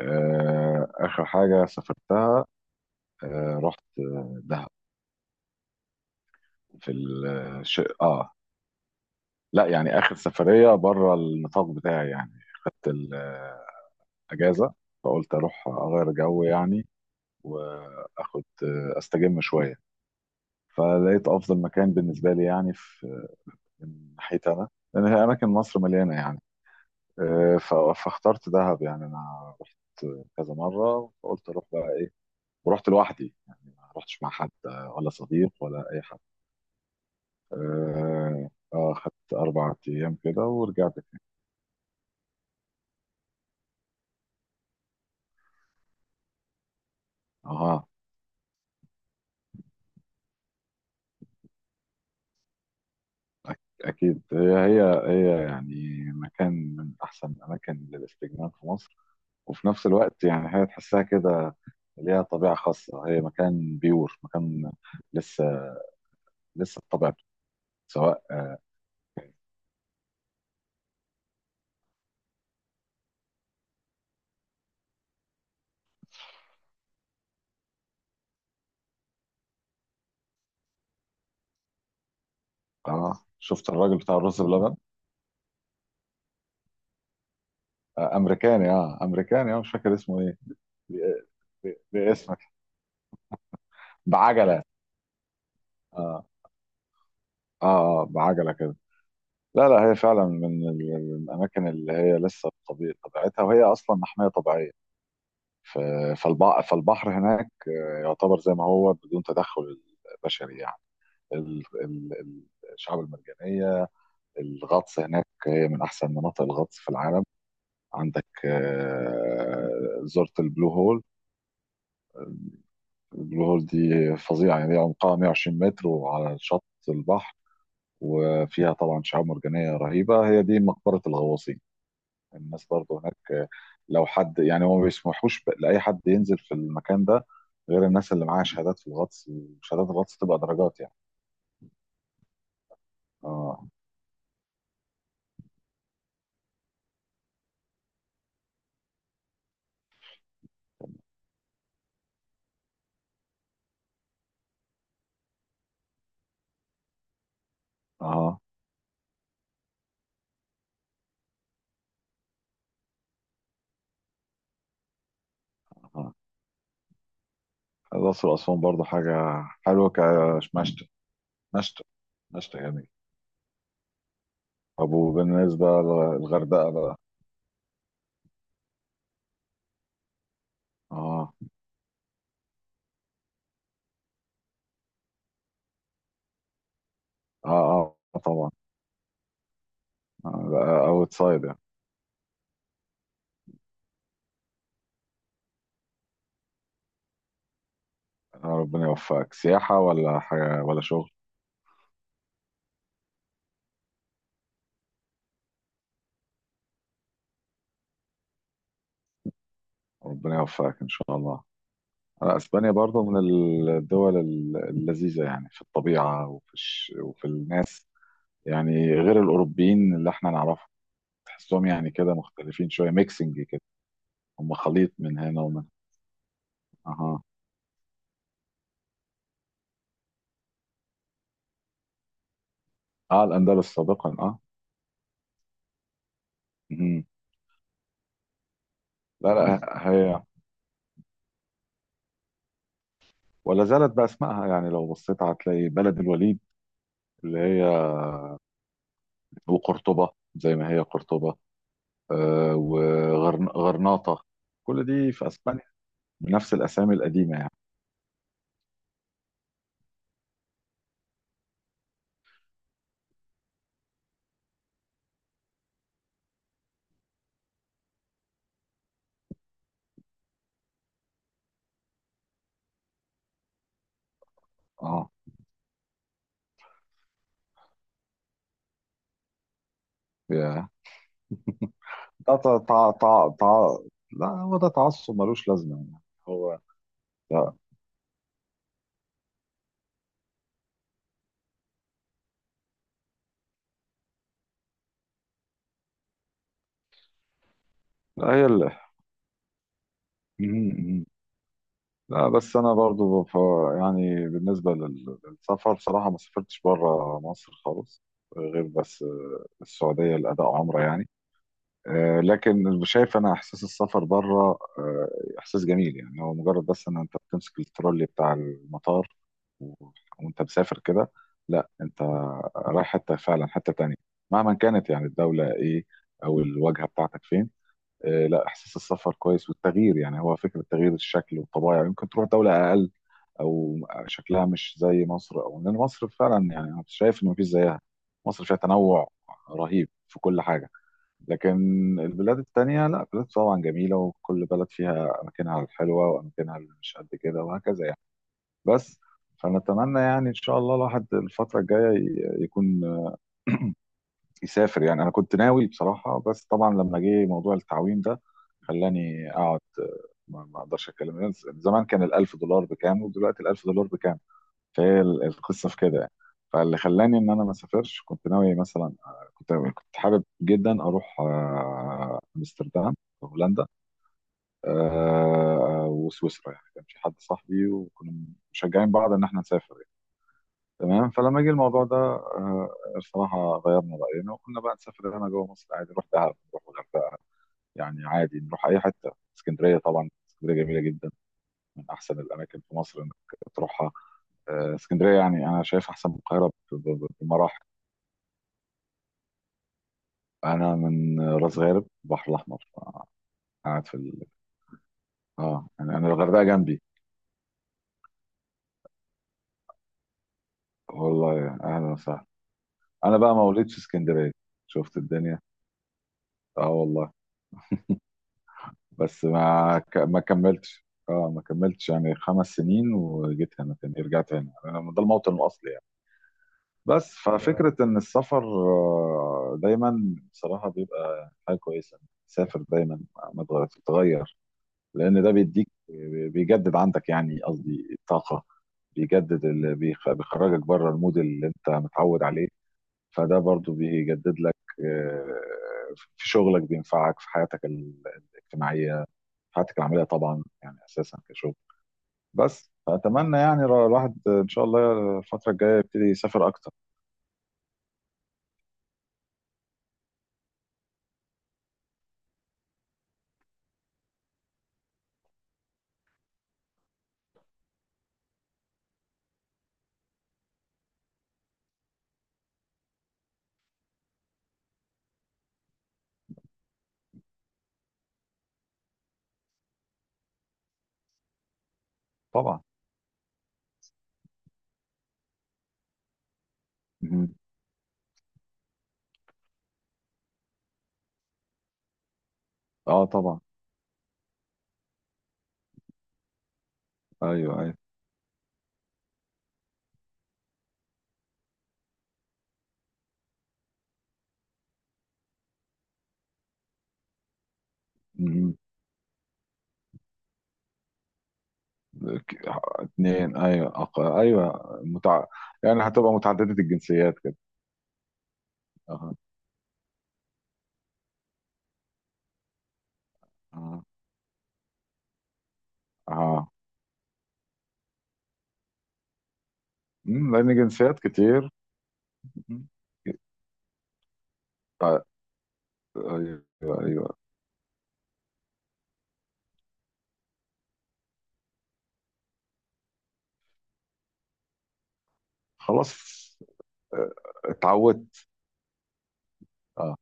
آخر حاجة سافرتها، رحت دهب. في الش... آه لا، يعني آخر سفرية بره النطاق بتاعي يعني، خدت الأجازة، فقلت أروح أغير جو يعني، وآخد أستجم شوية. فلقيت أفضل مكان بالنسبة لي يعني من ناحيتي أنا، لأن هي أماكن مصر مليانة يعني. آه، ف- فاخترت دهب، يعني أنا رحت كذا مرة، فقلت أروح بقى إيه، ورحت لوحدي يعني، ما رحتش مع حد، ولا صديق ولا أي حاجة. اه، خدت 4 ايام كده ورجعت تاني. اه، أك- اكيد هي هي هي يعني مكان من احسن الاماكن للاستجمام في مصر. وفي نفس الوقت يعني هي تحسها كده، ليها طبيعه خاصه، هي مكان بيور، مكان لسه، لسه بطبيعته، سواء آه، شفت الراجل بتاع الرز بلبن؟ آه، امريكاني، امريكاني، مش فاكر اسمه ايه. ب- باسمك، بعجله. اه بعجله كده. لا، لا، هي فعلا من الأماكن اللي هي لسه بطبيعة طبيعتها، وهي أصلا محمية طبيعية. ف- فالبحر هناك، يعتبر زي ما هو بدون تدخل بشري يعني. ال- ال- ال- الشعاب المرجانية، الغطس هناك، هي من أحسن مناطق الغطس في العالم. عندك، زرت البلو هول؟ البلو هول دي فظيعة يعني، هي عمقها 120 متر وعلى شط البحر، وفيها طبعا شعاب مرجانية رهيبة، هي دي مقبرة الغواصين. الناس برضه هناك، لو حد يعني، هو ما بيسمحوش لأي حد ينزل في المكان ده، غير الناس اللي معاها شهادات في الغطس، وشهادات الغطس تبقى درجات يعني. اه، اه، اه، الأقصر وأسوان برضه حاجة حلوة كمشتى. مشتى، مشتى جميل. طب، وبالنسبة للغردقة بقى. اه، اه، اه، طبعا. اوت سايد يعني. آه، ربنا يوفقك، سياحة ولا حاجة ولا شغل؟ ربنا يوفقك إن شاء الله. اسبانيا برضه من الدول اللذيذه، يعني في الطبيعه وفي وفي الناس، يعني غير الاوروبيين اللي احنا نعرفهم، تحسهم يعني كده مختلفين شويه، ميكسنج كده، هم خليط من هنا ومن. اها، اه، الاندلس سابقا. اه. مهم. لا، لا، هي ولا زالت باسمائها، يعني لو بصيت هتلاقي بلد الوليد، اللي هي، وقرطبه، زي ما هي قرطبه، آه وغرناطه، كل دي في اسبانيا بنفس الاسامي القديمه يعني. اه، ده لا، هو ده تعصب ملوش لازمة يعني. هو لا، لا، هي اللي لا، بس انا برضو يعني بالنسبة للسفر بصراحة ما سافرتش بره مصر خالص، غير بس السعودية لأداء عمرة يعني. لكن شايف انا احساس السفر بره، احساس جميل يعني، هو مجرد بس ان انت بتمسك الترولي بتاع المطار، و... وانت مسافر كده، لا انت رايح حته فعلا حته تانية، مهما كانت يعني الدوله ايه، او الواجهه بتاعتك فين. لا، احساس السفر كويس، والتغيير يعني هو فكره تغيير الشكل والطبايع. يمكن تروح دوله اقل، او شكلها مش زي مصر، او لان مصر فعلا، يعني انا شايف ان مفيش زيها. مصر فيها تنوع رهيب في كل حاجه. لكن البلاد التانية، لا، بلاد طبعا جميلة، وكل بلد فيها أماكنها الحلوة وأماكنها اللي مش قد كده، وهكذا يعني. بس فنتمنى يعني إن شاء الله الواحد الفترة الجاية يكون يسافر يعني. أنا كنت ناوي بصراحة، بس طبعا لما جه موضوع التعويم ده خلاني أقعد، ما أقدرش أتكلم. زمان كان الألف دولار بكام، ودلوقتي الألف دولار بكام؟ فهي القصه في كده يعني. فاللي خلاني ان انا ما اسافرش، كنت ناوي مثلا، كنت حابب جدا اروح، امستردام، هولندا، وسويسرا يعني. كان في حد صاحبي، وكنا مشجعين بعض ان احنا نسافر يعني. تمام، فلما جه الموضوع ده، الصراحه غيرنا راينا، وقلنا بقى نسافر هنا جوه مصر عادي، نروح دهب، نروح الغردقه، يعني عادي نروح اي حته. اسكندريه، طبعا اسكندريه جميله جدا، من احسن الاماكن في مصر انك تروحها. اسكندريه يعني انا شايف احسن من القاهره بمراحل. انا من راس غارب، البحر الاحمر، قاعد في ال... اه يعني انا الغردقه جنبي. والله اهلا وسهلا. انا بقى مولود في اسكندريه، شفت الدنيا، اه والله. بس ما كملتش يعني 5 سنين، وجيت هنا تاني، رجعت هنا، انا ده الموطن الاصلي يعني. بس. ففكره ان السفر دايما بصراحه بيبقى حاجه كويسه. سافر دايما، ما تغير تتغير، لان ده بيديك، بيجدد عندك، يعني قصدي الطاقه، بيجدد بيخرجك بره المود اللي انت متعود عليه. فده برضو بيجدد لك، في شغلك، بينفعك في حياتك الاجتماعيه، في حياتك العمليه، طبعا يعني اساسا كشغل. بس فاتمنى يعني الواحد ان شاء الله الفتره الجايه يبتدي يسافر اكتر. طبعا. مهم. اه، طبعا. ايوه، ايوه. مهم. ك- اتنين، ايوه. ايوه. يعني هتبقى متعدده الجنسيات كده. اها، اها، اها، لان جنسيات كتير. مم. طيب. ايوه، ايوه، خلاص، آه، اتعودت. اه،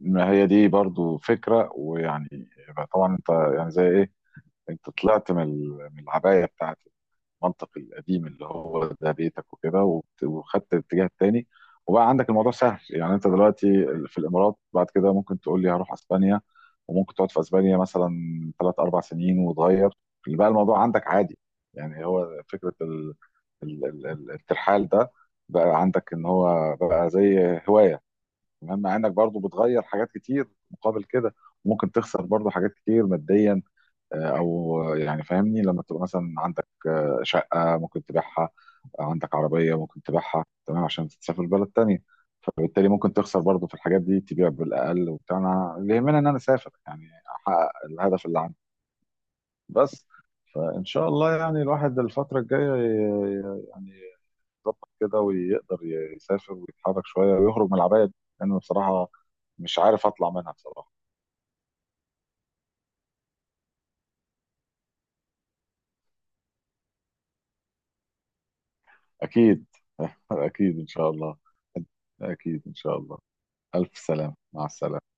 ما هي دي برضو فكره، ويعني يبقى طبعا انت، يعني زي ايه، انت طلعت من من العبايه بتاعت المنطق القديم، اللي هو ده بيتك وكده، وخدت الاتجاه التاني، وبقى عندك الموضوع سهل يعني. انت دلوقتي في الامارات، بعد كده ممكن تقول لي هروح اسبانيا، وممكن تقعد في اسبانيا مثلا 3 أو 4 سنين وتغير. بقى الموضوع عندك عادي، يعني هو فكره الترحال ده، بقى عندك ان هو بقى زي هوايه. تمام، مع انك برضو بتغير حاجات كتير مقابل كده، ممكن تخسر برضو حاجات كتير ماديا. او يعني فاهمني، لما تبقى مثلا عندك شقة ممكن تبيعها، عندك عربية ممكن تبيعها، تمام، عشان تسافر بلد تانية. فبالتالي ممكن تخسر برضه في الحاجات دي، تبيع بالأقل وبتاع، اللي يهمني إن أنا أسافر يعني، أحقق الهدف اللي عندي. بس فإن شاء الله يعني الواحد الفترة الجاية يعني يظبط كده، ويقدر يسافر ويتحرك شوية، ويخرج من العباية دي. لأن بصراحة مش عارف أطلع منها بصراحة. أكيد. أكيد إن شاء الله. أكيد إن شاء الله. ألف سلامة، مع السلامة.